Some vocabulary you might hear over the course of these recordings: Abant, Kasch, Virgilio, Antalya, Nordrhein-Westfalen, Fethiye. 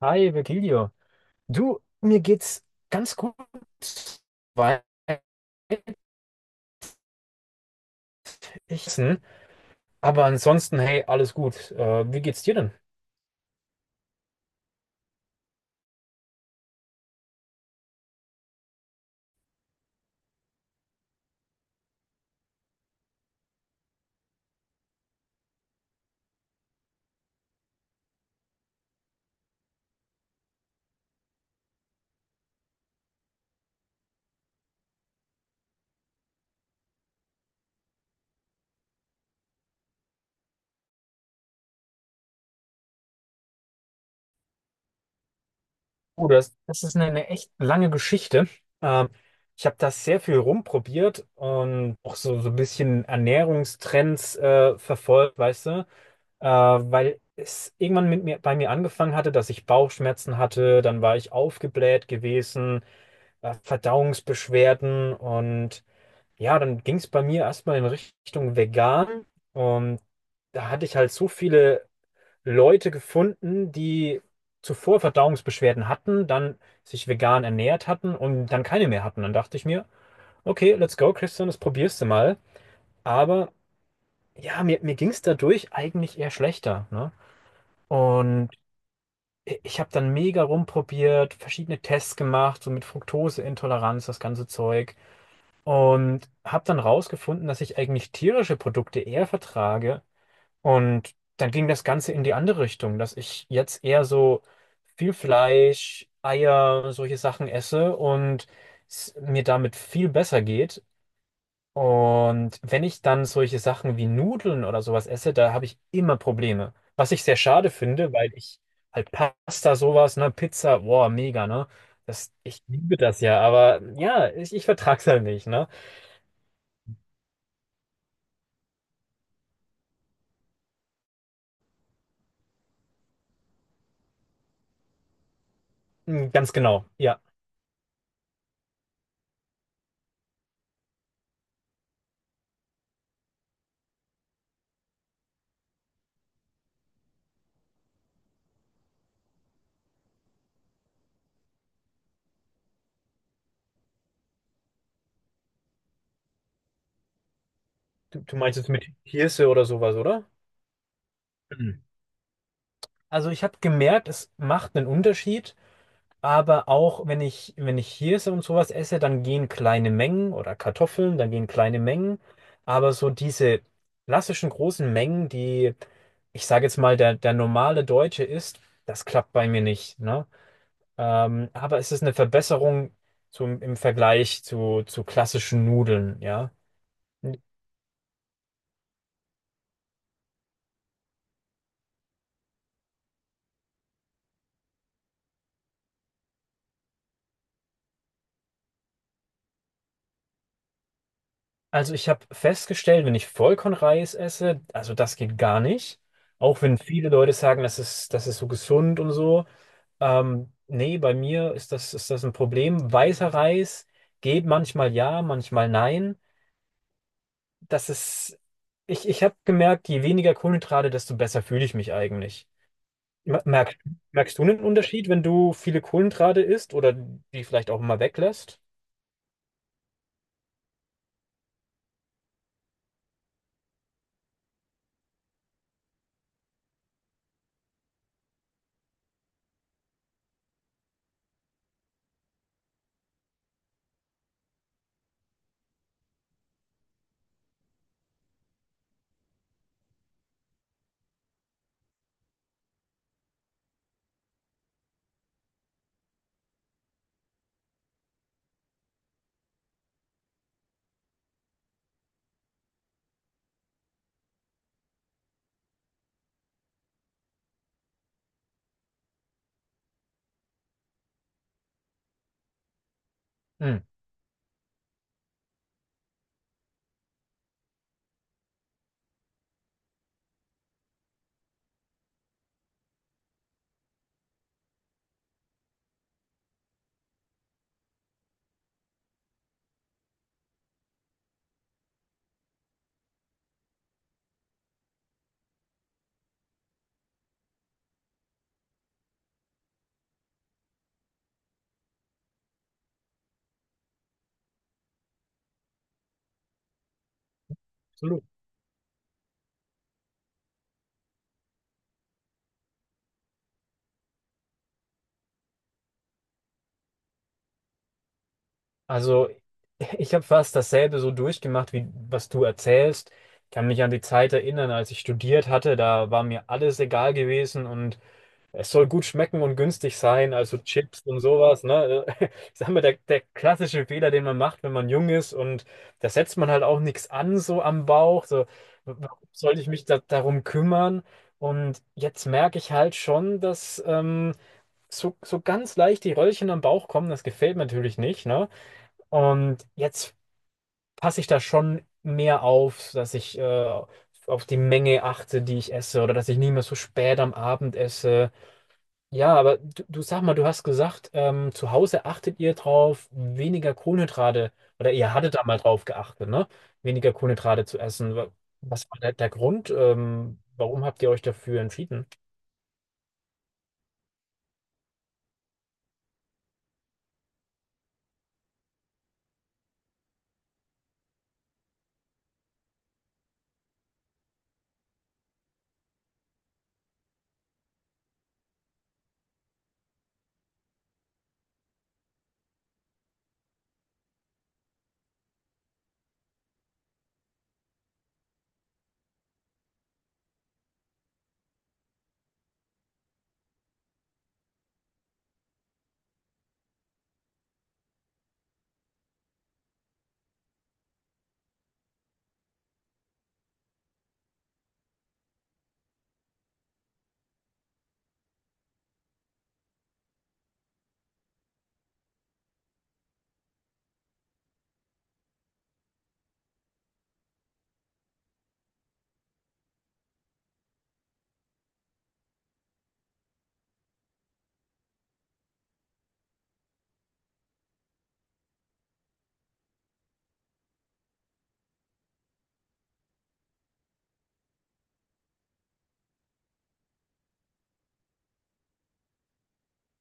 Hi, Virgilio. Du, mir geht's ganz gut weit. Ich, aber ansonsten, hey, alles gut. Wie geht's dir denn? Oh, das ist eine echt lange Geschichte. Ähm, Ich habe das sehr viel rumprobiert und auch so ein bisschen Ernährungstrends verfolgt, weißt du? Weil es irgendwann bei mir angefangen hatte, dass ich Bauchschmerzen hatte, dann war ich aufgebläht gewesen, Verdauungsbeschwerden und ja, dann ging es bei mir erstmal in Richtung vegan, und da hatte ich halt so viele Leute gefunden, die zuvor Verdauungsbeschwerden hatten, dann sich vegan ernährt hatten und dann keine mehr hatten. Dann dachte ich mir, okay, let's go, Christian, das probierst du mal. Aber ja, mir ging es dadurch eigentlich eher schlechter, ne? Und ich habe dann mega rumprobiert, verschiedene Tests gemacht, so mit Fructoseintoleranz, das ganze Zeug. Und habe dann rausgefunden, dass ich eigentlich tierische Produkte eher vertrage. Und dann ging das Ganze in die andere Richtung, dass ich jetzt eher so viel Fleisch, Eier, solche Sachen esse und es mir damit viel besser geht. Und wenn ich dann solche Sachen wie Nudeln oder sowas esse, da habe ich immer Probleme. Was ich sehr schade finde, weil ich halt Pasta, sowas, ne, Pizza, boah, mega, ne? Das, ich liebe das ja, aber ja, ich vertrag's halt nicht, ne? Mm, ganz genau, ja. Du meinst jetzt mit Hirse oder sowas, oder? Mhm. Also ich habe gemerkt, es macht einen Unterschied, aber auch wenn ich, wenn ich Hirse und sowas esse, dann gehen kleine Mengen oder Kartoffeln, dann gehen kleine Mengen. Aber so diese klassischen großen Mengen, die, ich sage jetzt mal, der normale Deutsche isst, das klappt bei mir nicht, ne? Aber es ist eine Verbesserung zum, im Vergleich zu klassischen Nudeln, ja. Also ich habe festgestellt, wenn ich Vollkornreis esse, also das geht gar nicht. Auch wenn viele Leute sagen, das ist so gesund und so. Nee, bei mir ist das ein Problem. Weißer Reis geht manchmal ja, manchmal nein. Das ist, ich habe gemerkt, je weniger Kohlenhydrate, desto besser fühle ich mich eigentlich. Mer- Merkst, merkst du einen Unterschied, wenn du viele Kohlenhydrate isst oder die vielleicht auch mal weglässt? Hm. Absolut. Also, ich habe fast dasselbe so durchgemacht, wie was du erzählst. Ich kann mich an die Zeit erinnern, als ich studiert hatte, da war mir alles egal gewesen, und es soll gut schmecken und günstig sein, also Chips und sowas, ne? Ich sag mal, der klassische Fehler, den man macht, wenn man jung ist, und da setzt man halt auch nichts an, so am Bauch, so, warum soll ich mich darum kümmern? Und jetzt merke ich halt schon, dass so, so ganz leicht die Röllchen am Bauch kommen, das gefällt mir natürlich nicht, ne? Und jetzt passe ich da schon mehr auf, dass ich auf die Menge achte, die ich esse, oder dass ich nicht mehr so spät am Abend esse. Ja, aber du sag mal, du hast gesagt, zu Hause achtet ihr drauf, weniger Kohlenhydrate, oder ihr hattet da mal drauf geachtet, ne? Weniger Kohlenhydrate zu essen. Was war der Grund? Warum habt ihr euch dafür entschieden?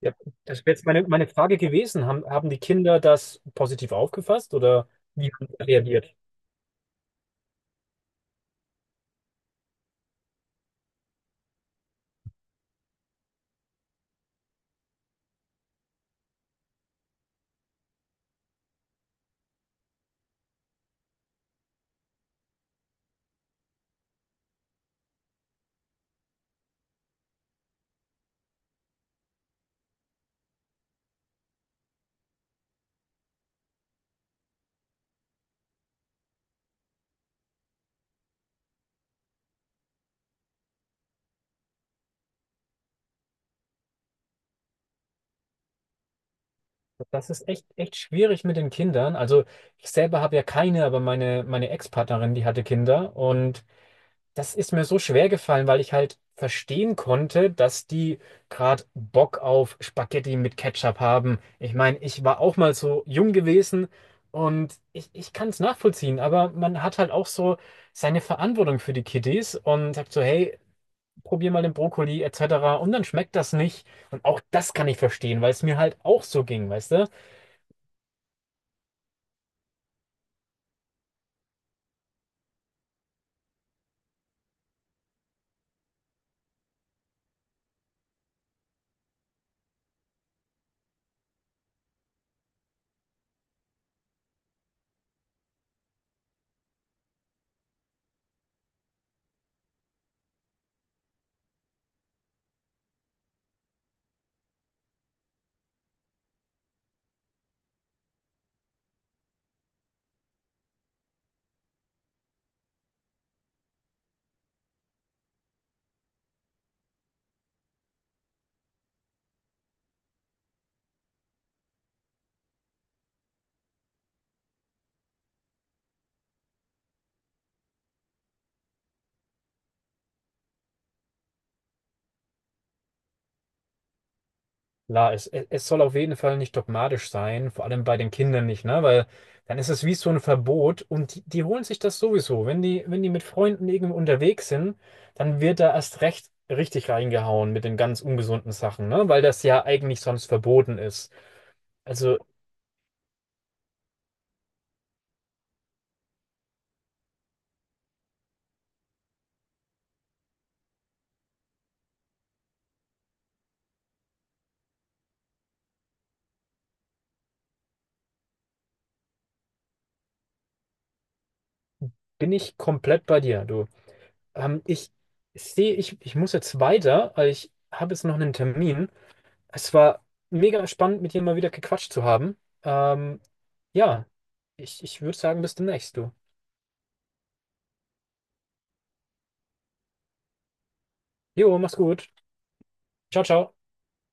Ja, das wäre jetzt meine Frage gewesen. Haben die Kinder das positiv aufgefasst oder wie haben sie reagiert? Das ist echt, echt schwierig mit den Kindern. Also ich selber habe ja keine, aber meine Ex-Partnerin, die hatte Kinder. Und das ist mir so schwer gefallen, weil ich halt verstehen konnte, dass die gerade Bock auf Spaghetti mit Ketchup haben. Ich meine, ich war auch mal so jung gewesen, und ich kann es nachvollziehen, aber man hat halt auch so seine Verantwortung für die Kiddies und sagt so, hey, probier mal den Brokkoli etc. Und dann schmeckt das nicht. Und auch das kann ich verstehen, weil es mir halt auch so ging, weißt du? Klar, es es soll auf jeden Fall nicht dogmatisch sein, vor allem bei den Kindern nicht, ne? Weil dann ist es wie so ein Verbot, und die holen sich das sowieso. Wenn wenn die mit Freunden irgendwo unterwegs sind, dann wird da erst recht richtig reingehauen mit den ganz ungesunden Sachen, ne? Weil das ja eigentlich sonst verboten ist. Also bin ich komplett bei dir, du. Ich sehe, ich muss jetzt weiter, weil ich habe jetzt noch einen Termin. Es war mega spannend, mit dir mal wieder gequatscht zu haben. Ähm, ja, ich würde sagen, bis demnächst, du. Jo, mach's gut. Ciao, ciao.